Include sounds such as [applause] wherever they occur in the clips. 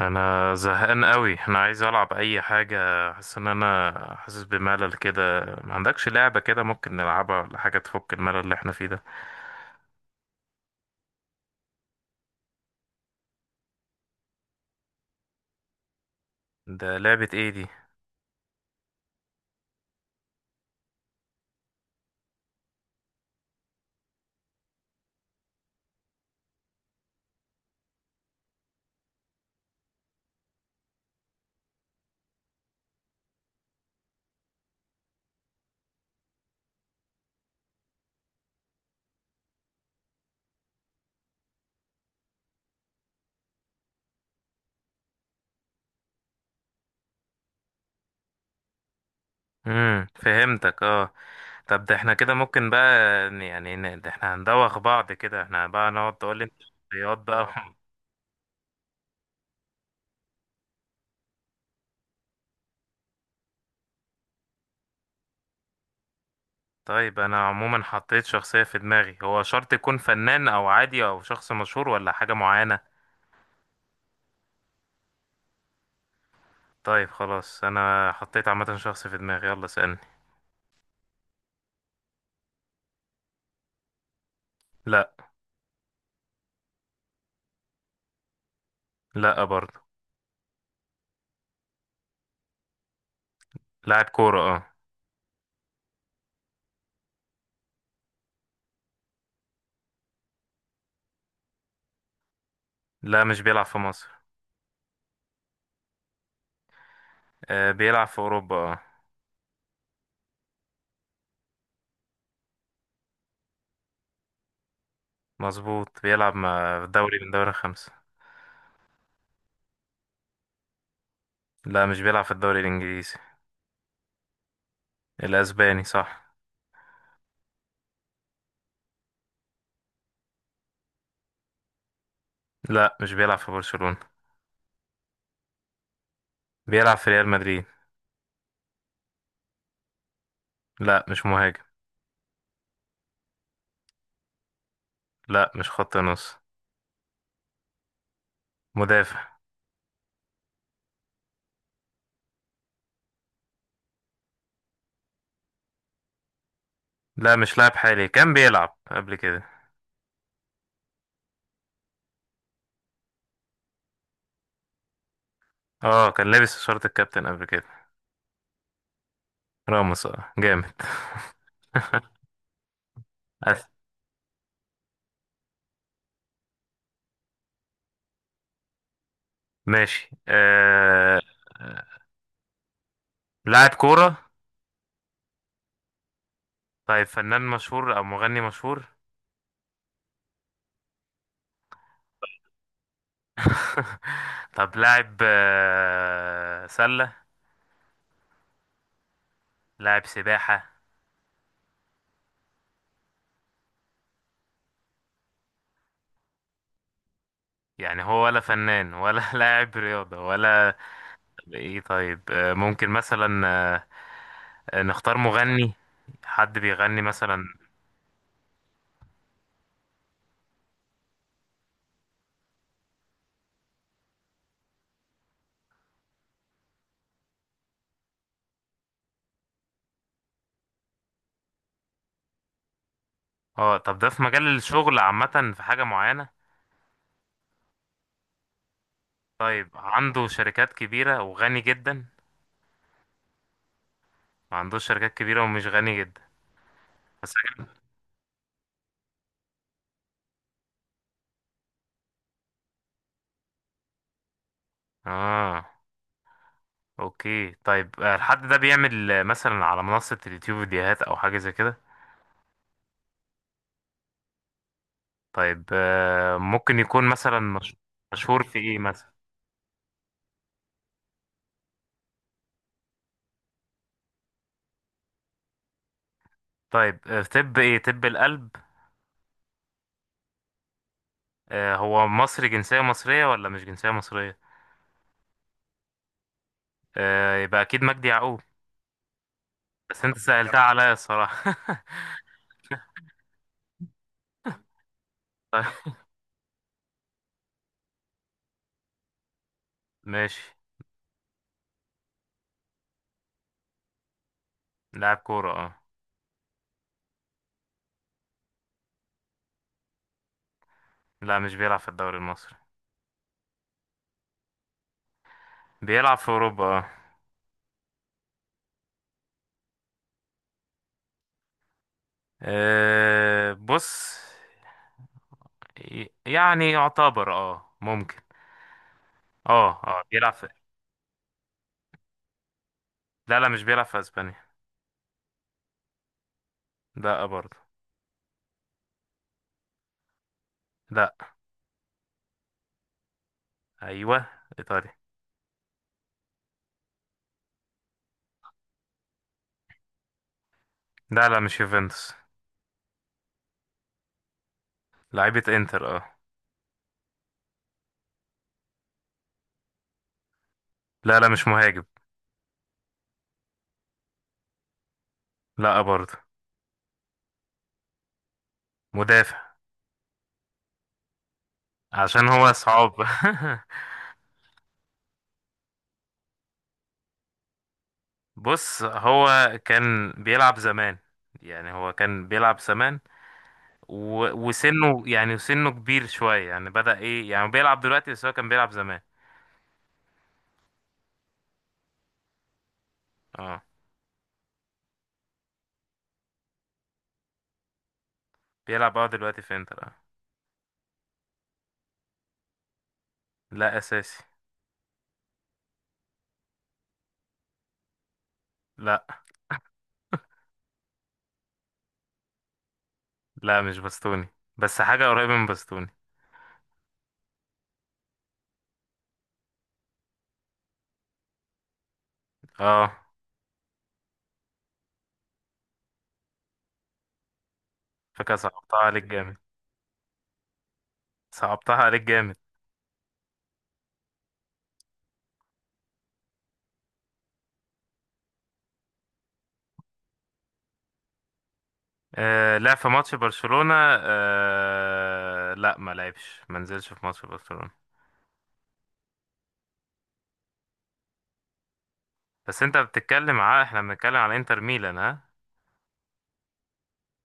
انا زهقان قوي، انا عايز العب اي حاجه. حاسس ان حاسس بملل كده. ما عندكش لعبه كده ممكن نلعبها ولا حاجه تفك الملل اللي احنا فيه ده؟ ده لعبه ايه دي؟ فهمتك اه. طب ده احنا كده ممكن بقى ده احنا هندوخ بعض كده، احنا بقى نقعد تقول لي انت شخصيات بقى. [laughs] طيب انا عموما حطيت شخصيه في دماغي، هو شرط يكون فنان او عادي او شخص مشهور ولا حاجه معينه؟ طيب خلاص انا حطيت عامه شخص في دماغي، يلا اسالني. لا. لا برضه. لاعب كورة اه. لا مش بيلعب في مصر. آه بيلعب في أوروبا اه. مظبوط، بيلعب مع في دوري من دوري خمسة. لا مش بيلعب في الدوري الإنجليزي. الأسباني صح. لا مش بيلعب في برشلونة. بيلعب في ريال مدريد. لا مش مهاجم. لا مش خط نص. مدافع. لا مش لاعب حالي، كان بيلعب قبل كده. اه كان لابس شورت الكابتن قبل كده. راموس اه جامد. [laughs] أس- ماشي. آه، لاعب كورة. طيب فنان مشهور أو مغني مشهور. [laughs] طب لاعب سلة. لاعب سباحة. يعني هو ولا فنان ولا [laughs] لاعب رياضة ولا؟ طب ايه طيب، ممكن مثلا نختار مغني. حد بيغني مثلا. اه طب ده في مجال الشغل عامة في حاجة معينة طيب عنده شركات كبيرة وغني جدا ما عندوش شركات كبيرة ومش غني جدا بس [laughs] اه. اوكي طيب، الحد ده بيعمل مثلا على منصة اليوتيوب فيديوهات او حاجة زي كده؟ طيب ممكن يكون مثلا مشهور في ايه مثلا؟ طيب في طب ايه، طب القلب؟ هو مصري، جنسية مصرية ولا مش جنسية مصرية؟ يبقى اكيد مجدي يعقوب. بس انت سألتها عليا الصراحة. [laughs] طيب ماشي. لاعب كورة اه. لا مش بيلعب في الدوري المصري. بيلعب في اوروبا اه. بص، يعتبر اه ممكن. اه بيلعب في. لا لا مش بيلعب في اسبانيا. لا برضه. لا. ايوه ايطاليا. لا لا مش يوفنتوس. لعيبة انتر اه. لا لا مش مهاجم. لا برضه. مدافع. عشان هو صعب. [laughs] بص هو كان بيلعب زمان، يعني هو كان بيلعب زمان وسنه، يعني سنه كبير شوية، يعني بدأ ايه، يعني بيلعب دلوقتي بس هو كان بيلعب زمان. اه بيلعب اه دلوقتي في انتر اه. لا اساسي. لا لا مش بستوني، بس حاجة قريبة من بستوني. اه فكرة صعبتها عليك جامد. صعبتها عليك جامد. آه لا في ماتش برشلونة، آه لا ما لعبش، ما نزلش في ماتش برشلونة. بس انت بتتكلم على، احنا بنتكلم على انتر ميلان ها.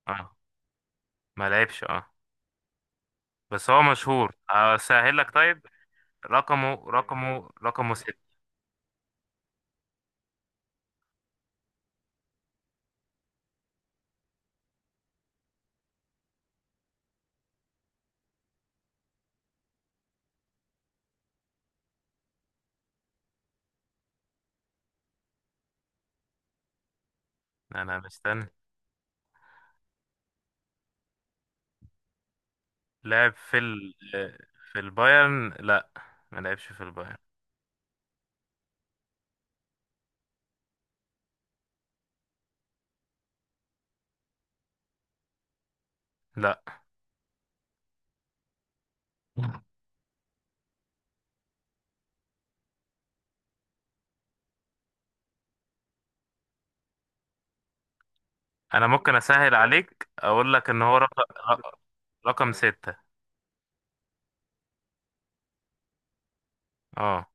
اه ما لعبش اه. بس هو مشهور اسهل لك طيب. رقمه ستة. انا مستني. لعب في ال، في البايرن لا. ما لعبش في البايرن. لا انا ممكن اسهل عليك اقول لك ان هو رقم، رقم ستة. اه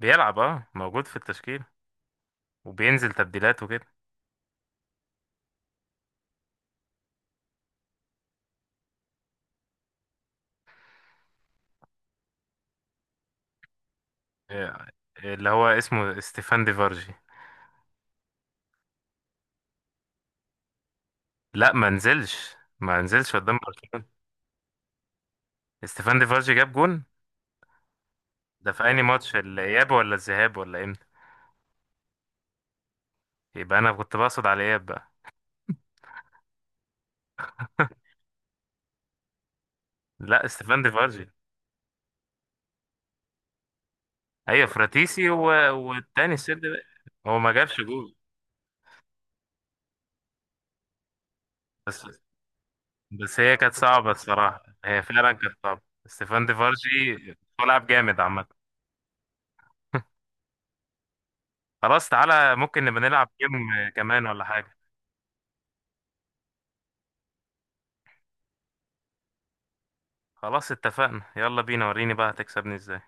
بيلعب اه موجود في التشكيل وبينزل تبديلات وكده. آه، اللي هو اسمه ستيفان ديفارجي. لا ما نزلش قدام برشلونة. ستيفان ديفارجي جاب جون. ده في أنهي ماتش، الإياب ولا الذهاب ولا إمتى؟ يبقى أنا كنت بقصد على الإياب بقى. لا ستيفان ديفارجي. أيوة فراتيسي والتاني السد ده. هو ما جابش جول. بس بس هي كانت صعبة الصراحة، هي فعلا كانت صعبة ستيفان ديفارجي. ملعب جامد عامة. خلاص تعالى ممكن نبقى نلعب جيم كمان ولا حاجة. خلاص اتفقنا، يلا بينا وريني بقى هتكسبني ازاي؟